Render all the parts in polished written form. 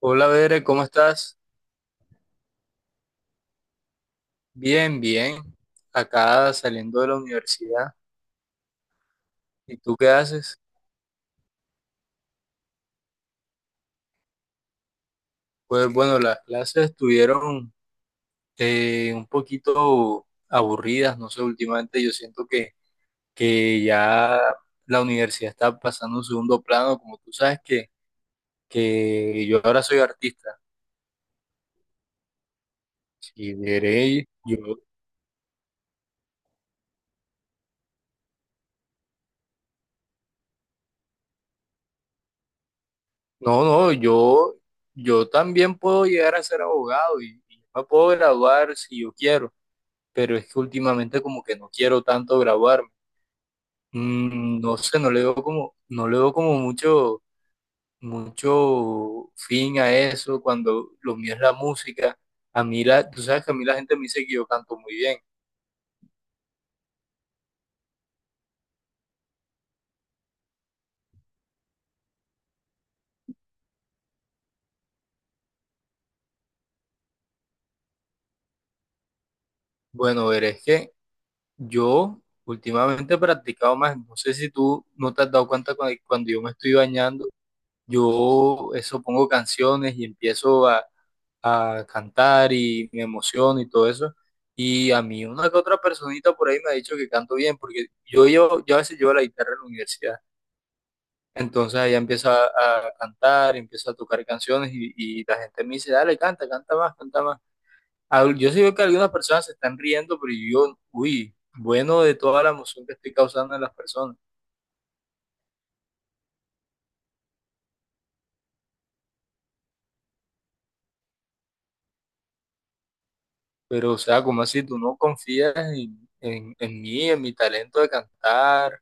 Hola, Bere, ¿cómo estás? Bien, bien. Acá saliendo de la universidad. ¿Y tú qué haces? Pues bueno, las clases estuvieron un poquito aburridas, no sé, últimamente yo siento que ya la universidad está pasando a un segundo plano, como tú sabes que yo ahora soy artista. Y Bere, yo, no, no, yo también puedo llegar a ser abogado y me puedo graduar si yo quiero. Pero es que últimamente como que no quiero tanto grabarme. Mm, no sé, no le veo no le veo como mucho fin a eso cuando lo mío es la música. A mí tú sabes que a mí la gente me dice que yo canto muy bien. Bueno, ver, es que yo últimamente he practicado más. No sé si tú no te has dado cuenta cuando yo me estoy bañando, yo eso pongo canciones y empiezo a cantar y me emociono y todo eso. Y a mí una que otra personita por ahí me ha dicho que canto bien, porque yo, yo a veces llevo la guitarra en la universidad. Entonces ella empieza a cantar, empieza a tocar canciones y la gente me dice, dale, canta, canta más, canta más. Ah, yo sí veo que algunas personas se están riendo, pero yo, uy, bueno, de toda la emoción que estoy causando en las personas. Pero, o sea, como así, tú no confías en mí, en mi talento de cantar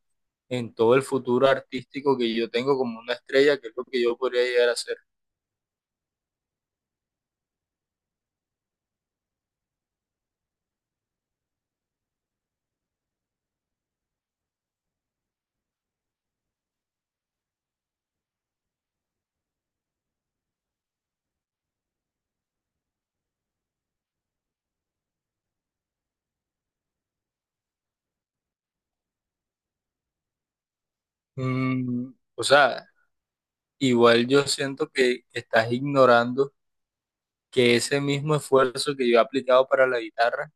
en todo el futuro artístico que yo tengo como una estrella, que es lo que yo podría llegar a ser. Mm, o sea, igual yo siento que estás ignorando que ese mismo esfuerzo que yo he aplicado para la guitarra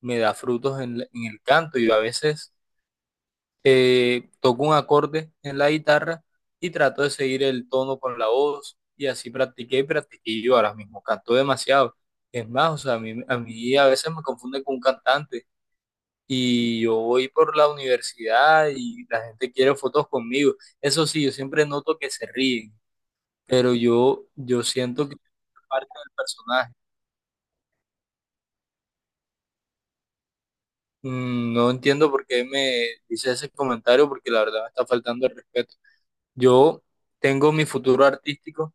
me da frutos en el canto. Yo a veces toco un acorde en la guitarra y trato de seguir el tono con la voz, y así practiqué y practiqué, y yo ahora mismo canto demasiado. Es más, o sea, a mí a veces me confunde con un cantante, y yo voy por la universidad y la gente quiere fotos conmigo. Eso sí, yo siempre noto que se ríen, pero yo siento que es parte del personaje. Mm, no entiendo por qué me dice ese comentario, porque la verdad me está faltando el respeto. Yo tengo mi futuro artístico,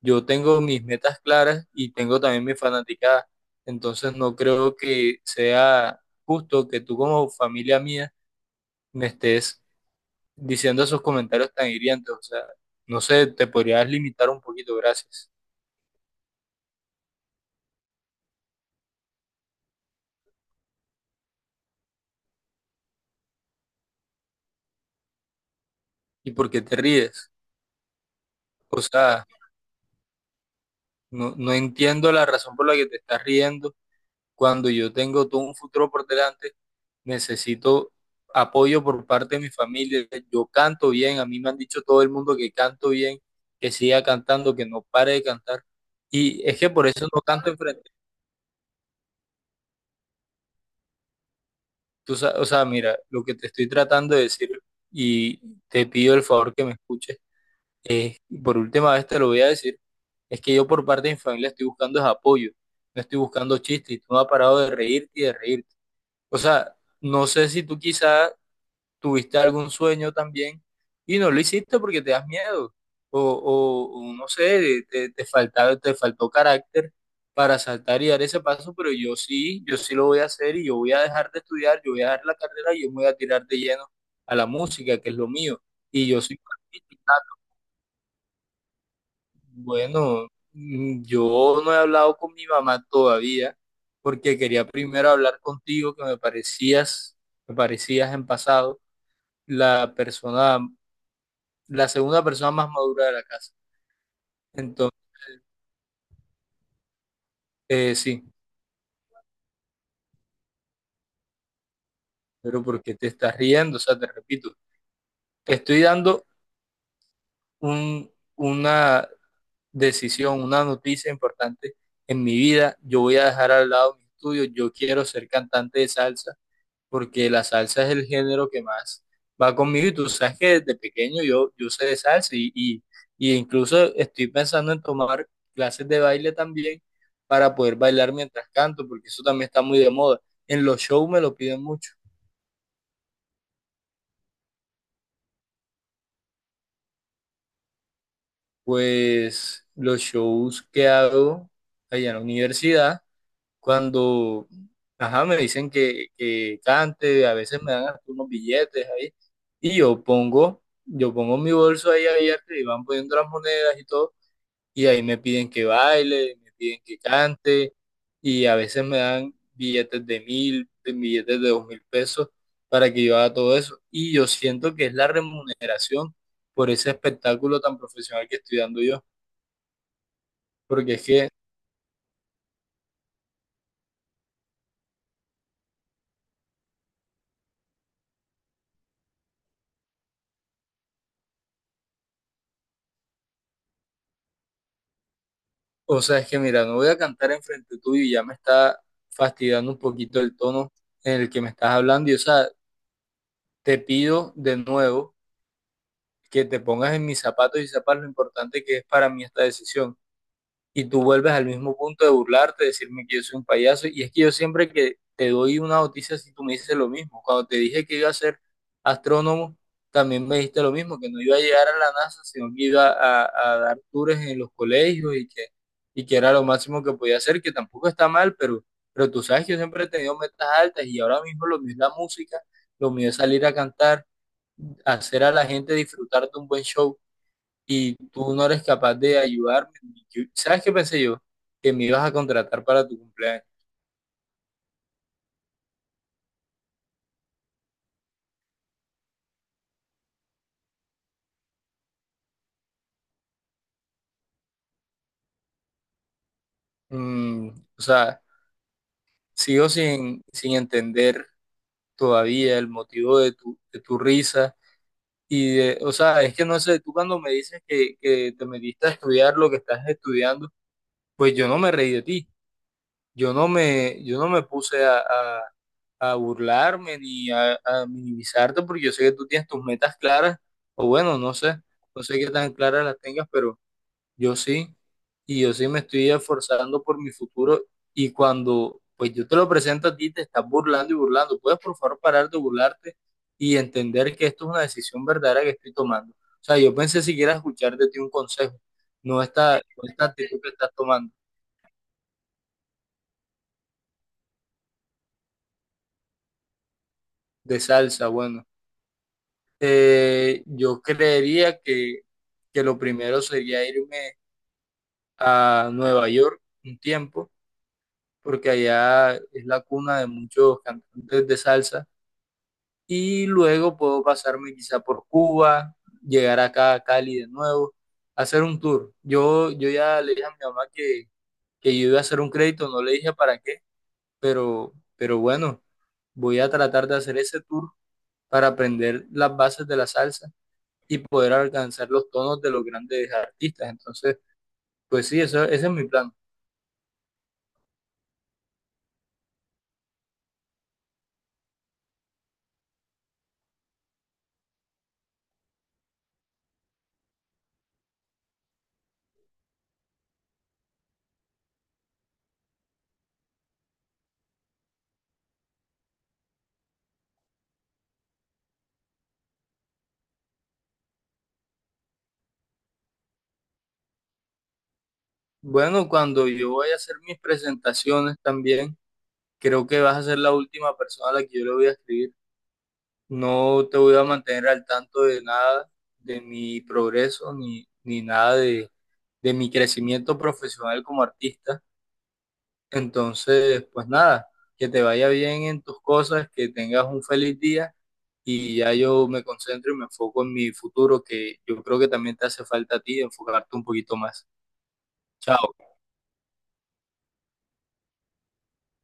yo tengo mis metas claras y tengo también mi fanaticada. Entonces no creo que sea justo que tú como familia mía me estés diciendo esos comentarios tan hirientes. O sea, no sé, te podrías limitar un poquito, gracias. ¿Y por qué te ríes? O sea, no, no entiendo la razón por la que te estás riendo cuando yo tengo todo un futuro por delante. Necesito apoyo por parte de mi familia. Yo canto bien, a mí me han dicho todo el mundo que canto bien, que siga cantando, que no pare de cantar. Y es que por eso no canto enfrente. Tú, o sea, mira, lo que te estoy tratando de decir y te pido el favor que me escuches, Eh, por última vez te lo voy a decir, es que yo por parte de mi familia estoy buscando es apoyo, no estoy buscando chistes, y tú no has parado de reírte y de reírte. O sea, no sé si tú quizás tuviste algún sueño también y no lo hiciste porque te das miedo, o, o no sé, te faltaba, te faltó carácter para saltar y dar ese paso, pero yo sí, yo sí lo voy a hacer y yo voy a dejar de estudiar, yo voy a dejar la carrera y yo me voy a tirar de lleno a la música, que es lo mío, y yo soy. Bueno, mm, yo no he hablado con mi mamá todavía porque quería primero hablar contigo, que me parecías en pasado la persona, la segunda persona más madura de la casa. Entonces, sí, pero ¿por qué te estás riendo? O sea, te repito, te estoy dando un, una decisión, una noticia importante en mi vida. Yo voy a dejar al lado mis estudios, yo quiero ser cantante de salsa. Porque la salsa es el género que más va conmigo y tú sabes que desde pequeño yo, yo sé de salsa y incluso estoy pensando en tomar clases de baile también para poder bailar mientras canto, porque eso también está muy de moda. En los shows me lo piden mucho, pues los shows que hago allá en la universidad. Cuando, ajá, me dicen que cante, a veces me dan hasta unos billetes ahí, y yo pongo mi bolso ahí abierto y van poniendo las monedas y todo, y ahí me piden que baile, me piden que cante, y a veces me dan billetes de 1000, de billetes de 2000 pesos para que yo haga todo eso, y yo siento que es la remuneración por ese espectáculo tan profesional que estoy dando yo, porque es que... O sea, es que mira, no voy a cantar enfrente tuyo y ya me está fastidiando un poquito el tono en el que me estás hablando. Y o sea, te pido de nuevo que te pongas en mis zapatos y sepas lo importante que es para mí esta decisión. Y tú vuelves al mismo punto de burlarte, decirme que yo soy un payaso. Y es que yo siempre que te doy una noticia, si tú me dices lo mismo. Cuando te dije que iba a ser astrónomo, también me dijiste lo mismo, que no iba a llegar a la NASA, sino que iba a dar tours en los colegios y que era lo máximo que podía hacer, que tampoco está mal, pero tú sabes que yo siempre he tenido metas altas y ahora mismo lo mío es la música, lo mío es salir a cantar, hacer a la gente disfrutar de un buen show y tú no eres capaz de ayudarme. ¿Sabes qué pensé yo? Que me ibas a contratar para tu cumpleaños. Mm, o sea, sigo sin entender todavía el motivo de tu risa. Y de, o sea, es que no sé, tú cuando me dices que te metiste a estudiar lo que estás estudiando, pues yo no me reí de ti. Yo no yo no me puse a burlarme ni a minimizarte, porque yo sé que tú tienes tus metas claras, o bueno, no sé, no sé qué tan claras las tengas, pero yo sí, y yo sí me estoy esforzando por mi futuro, y cuando pues yo te lo presento a ti te estás burlando y burlando. ¿Puedes por favor parar de burlarte y entender que esto es una decisión verdadera que estoy tomando? O sea, yo pensé siquiera escuchar de ti un consejo, no esta actitud que estás tomando de salsa, bueno. Yo creería que lo primero sería irme a Nueva York un tiempo, porque allá es la cuna de muchos cantantes de salsa y luego puedo pasarme quizá por Cuba, llegar acá a Cali de nuevo, hacer un tour. Yo ya le dije a mi mamá que yo iba a hacer un crédito, no le dije para qué, pero bueno, voy a tratar de hacer ese tour para aprender las bases de la salsa y poder alcanzar los tonos de los grandes artistas. Entonces, pues sí, eso, ese es mi plan. Bueno, cuando yo voy a hacer mis presentaciones también, creo que vas a ser la última persona a la que yo le voy a escribir. No te voy a mantener al tanto de nada de mi progreso ni nada de, de mi crecimiento profesional como artista. Entonces, pues nada, que te vaya bien en tus cosas, que tengas un feliz día y ya yo me concentro y me enfoco en mi futuro, que yo creo que también te hace falta a ti enfocarte un poquito más. Chao.